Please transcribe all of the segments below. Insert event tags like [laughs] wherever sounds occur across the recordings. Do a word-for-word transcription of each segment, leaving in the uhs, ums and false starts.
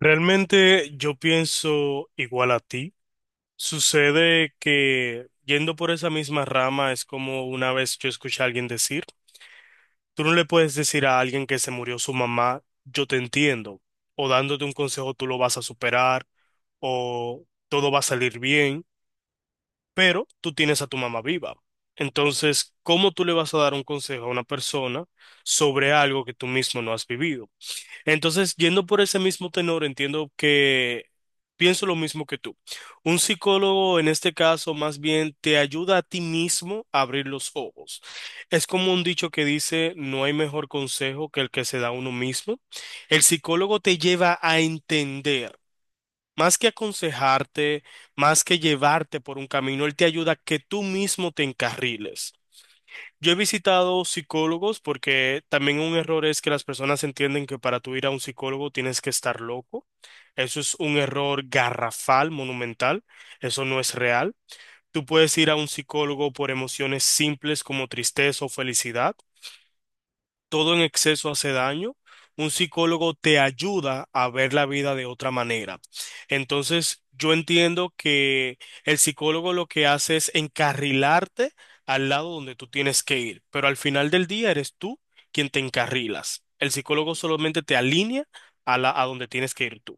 Realmente yo pienso igual a ti. Sucede que yendo por esa misma rama es como una vez yo escuché a alguien decir, tú no le puedes decir a alguien que se murió su mamá, yo te entiendo, o dándote un consejo tú lo vas a superar, o todo va a salir bien, pero tú tienes a tu mamá viva. Entonces, ¿cómo tú le vas a dar un consejo a una persona sobre algo que tú mismo no has vivido? Entonces, yendo por ese mismo tenor, entiendo que pienso lo mismo que tú. Un psicólogo en este caso más bien te ayuda a ti mismo a abrir los ojos. Es como un dicho que dice, no hay mejor consejo que el que se da a uno mismo. El psicólogo te lleva a entender. Más que aconsejarte, más que llevarte por un camino, él te ayuda a que tú mismo te encarriles. Yo he visitado psicólogos porque también un error es que las personas entienden que para tú ir a un psicólogo tienes que estar loco. Eso es un error garrafal, monumental. Eso no es real. Tú puedes ir a un psicólogo por emociones simples como tristeza o felicidad, todo en exceso hace daño. Un psicólogo te ayuda a ver la vida de otra manera. Entonces, yo entiendo que el psicólogo lo que hace es encarrilarte al lado donde tú tienes que ir, pero al final del día eres tú quien te encarrilas. El psicólogo solamente te alinea a la, a donde tienes que ir tú.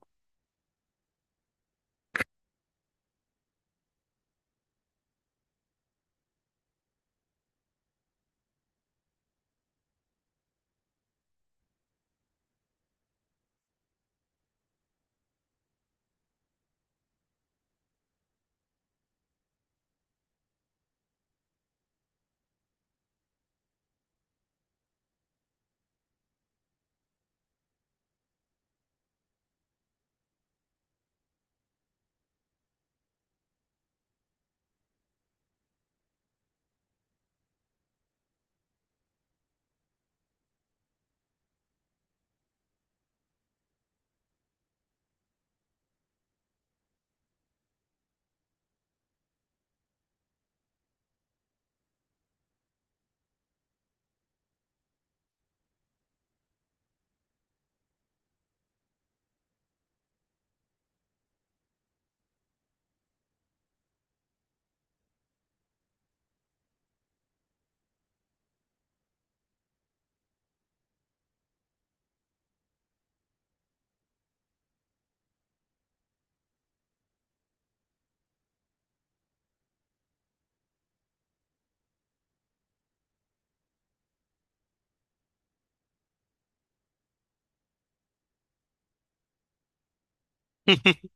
[laughs]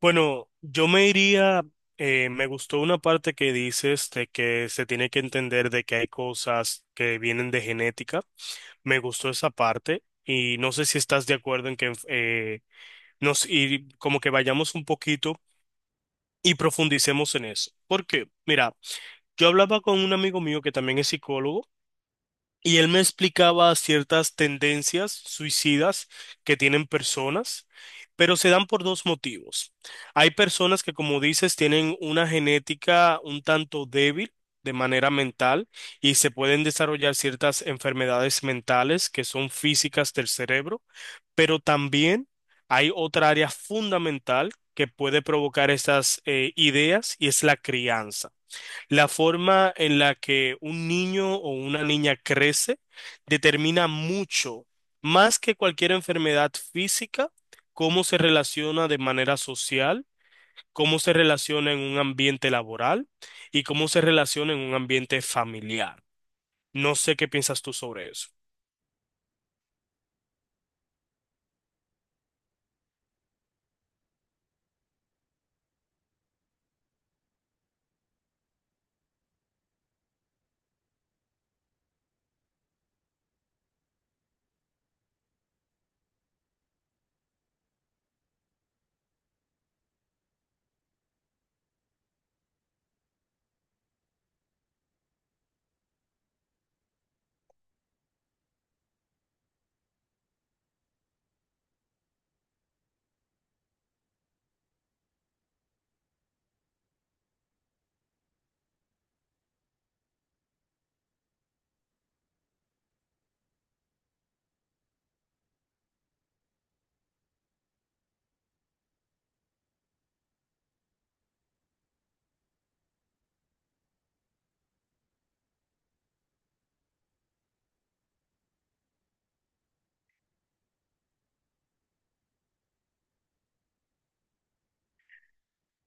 Bueno, yo me iría, eh, me gustó una parte que dices de que se tiene que entender de que hay cosas que vienen de genética. Me gustó esa parte y no sé si estás de acuerdo en que eh, nos y como que vayamos un poquito y profundicemos en eso. Porque, mira, yo hablaba con un amigo mío que también es psicólogo. Y él me explicaba ciertas tendencias suicidas que tienen personas, pero se dan por dos motivos. Hay personas que, como dices, tienen una genética un tanto débil de manera mental y se pueden desarrollar ciertas enfermedades mentales que son físicas del cerebro, pero también hay otra área fundamental que puede provocar estas eh, ideas, y es la crianza. La forma en la que un niño o una niña crece determina mucho, más que cualquier enfermedad física, cómo se relaciona de manera social, cómo se relaciona en un ambiente laboral y cómo se relaciona en un ambiente familiar. No sé qué piensas tú sobre eso.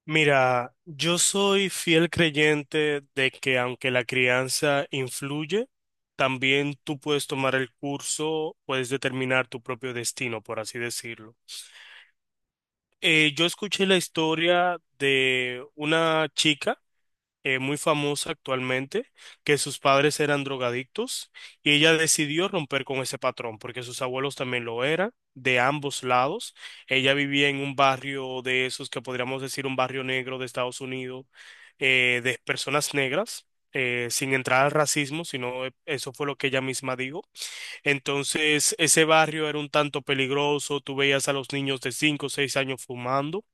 Mira, yo soy fiel creyente de que aunque la crianza influye, también tú puedes tomar el curso, puedes determinar tu propio destino, por así decirlo. Eh, yo escuché la historia de una chica eh, muy famosa actualmente, que sus padres eran drogadictos y ella decidió romper con ese patrón porque sus abuelos también lo eran, de ambos lados. Ella vivía en un barrio de esos que podríamos decir un barrio negro de Estados Unidos, eh, de personas negras. Eh, sin entrar al racismo, sino eh, eso fue lo que ella misma dijo. Entonces, ese barrio era un tanto peligroso, tú veías a los niños de cinco o seis años fumando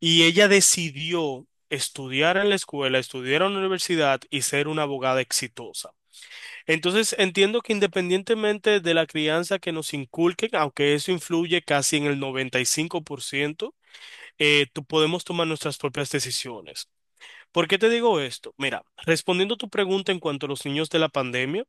y ella decidió estudiar en la escuela, estudiar en la universidad y ser una abogada exitosa. Entonces, entiendo que independientemente de la crianza que nos inculquen, aunque eso influye casi en el noventa y cinco por ciento, eh, tú podemos tomar nuestras propias decisiones. ¿Por qué te digo esto? Mira, respondiendo a tu pregunta en cuanto a los niños de la pandemia,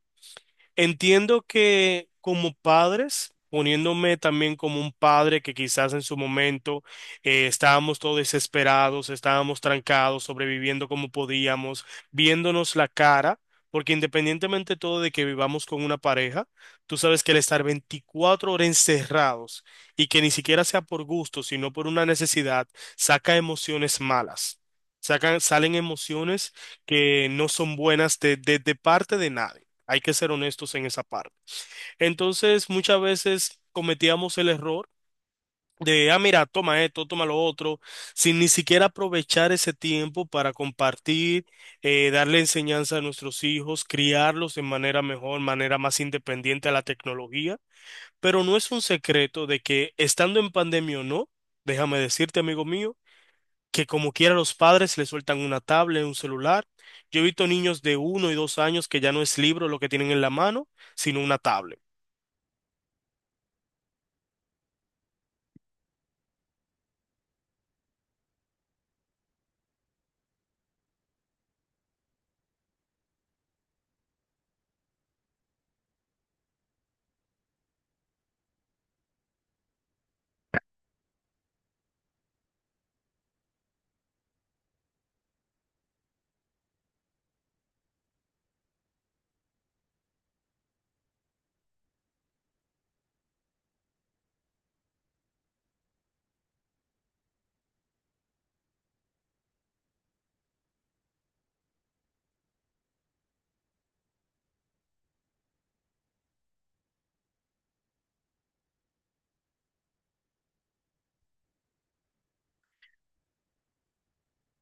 entiendo que como padres, poniéndome también como un padre que quizás en su momento eh, estábamos todos desesperados, estábamos trancados, sobreviviendo como podíamos, viéndonos la cara, porque independientemente todo de que vivamos con una pareja, tú sabes que el estar veinticuatro horas encerrados y que ni siquiera sea por gusto, sino por una necesidad, saca emociones malas. Sacan, salen emociones que no son buenas de, de de parte de nadie. Hay que ser honestos en esa parte. Entonces, muchas veces cometíamos el error de, ah, mira, toma esto, toma lo otro, sin ni siquiera aprovechar ese tiempo para compartir, eh, darle enseñanza a nuestros hijos, criarlos de manera mejor, manera más independiente a la tecnología. Pero no es un secreto de que estando en pandemia o no, déjame decirte, amigo mío, que como quiera los padres le sueltan una tablet, un celular. Yo he visto niños de uno y dos años que ya no es libro lo que tienen en la mano, sino una tablet.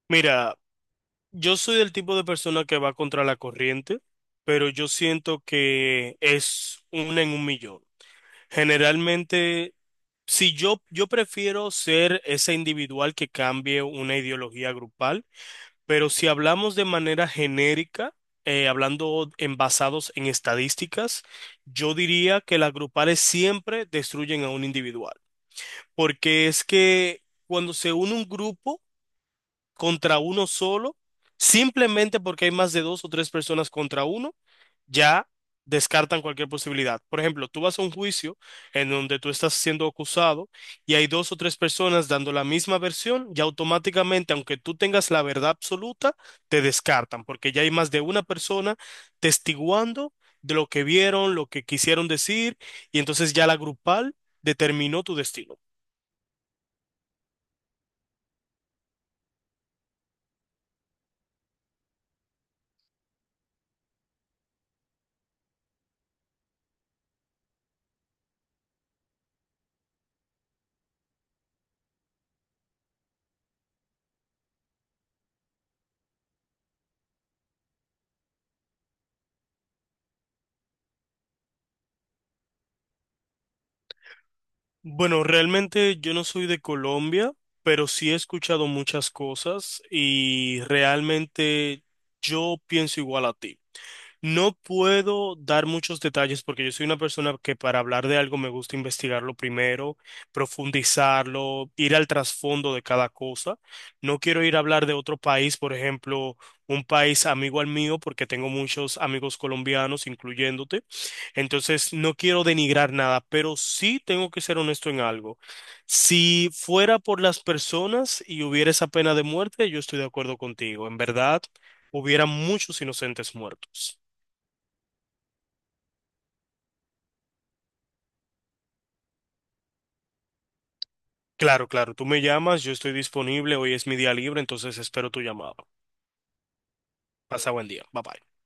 Mira, yo soy del tipo de persona que va contra la corriente, pero yo siento que es una en un millón. Generalmente, si yo, yo prefiero ser ese individual que cambie una ideología grupal. Pero si hablamos de manera genérica, eh, hablando en basados en estadísticas, yo diría que las grupales siempre destruyen a un individual. Porque es que cuando se une un grupo contra uno solo, simplemente porque hay más de dos o tres personas contra uno, ya descartan cualquier posibilidad. Por ejemplo, tú vas a un juicio en donde tú estás siendo acusado y hay dos o tres personas dando la misma versión, ya automáticamente, aunque tú tengas la verdad absoluta, te descartan, porque ya hay más de una persona testiguando de lo que vieron, lo que quisieron decir, y entonces ya la grupal determinó tu destino. Bueno, realmente yo no soy de Colombia, pero sí he escuchado muchas cosas y realmente yo pienso igual a ti. No puedo dar muchos detalles porque yo soy una persona que para hablar de algo me gusta investigarlo primero, profundizarlo, ir al trasfondo de cada cosa. No quiero ir a hablar de otro país, por ejemplo, un país amigo al mío, porque tengo muchos amigos colombianos, incluyéndote. Entonces, no quiero denigrar nada, pero sí tengo que ser honesto en algo. Si fuera por las personas y hubiera esa pena de muerte, yo estoy de acuerdo contigo. En verdad, hubiera muchos inocentes muertos. Claro, claro, tú me llamas, yo estoy disponible, hoy es mi día libre, entonces espero tu llamada. Pasa buen día, bye bye.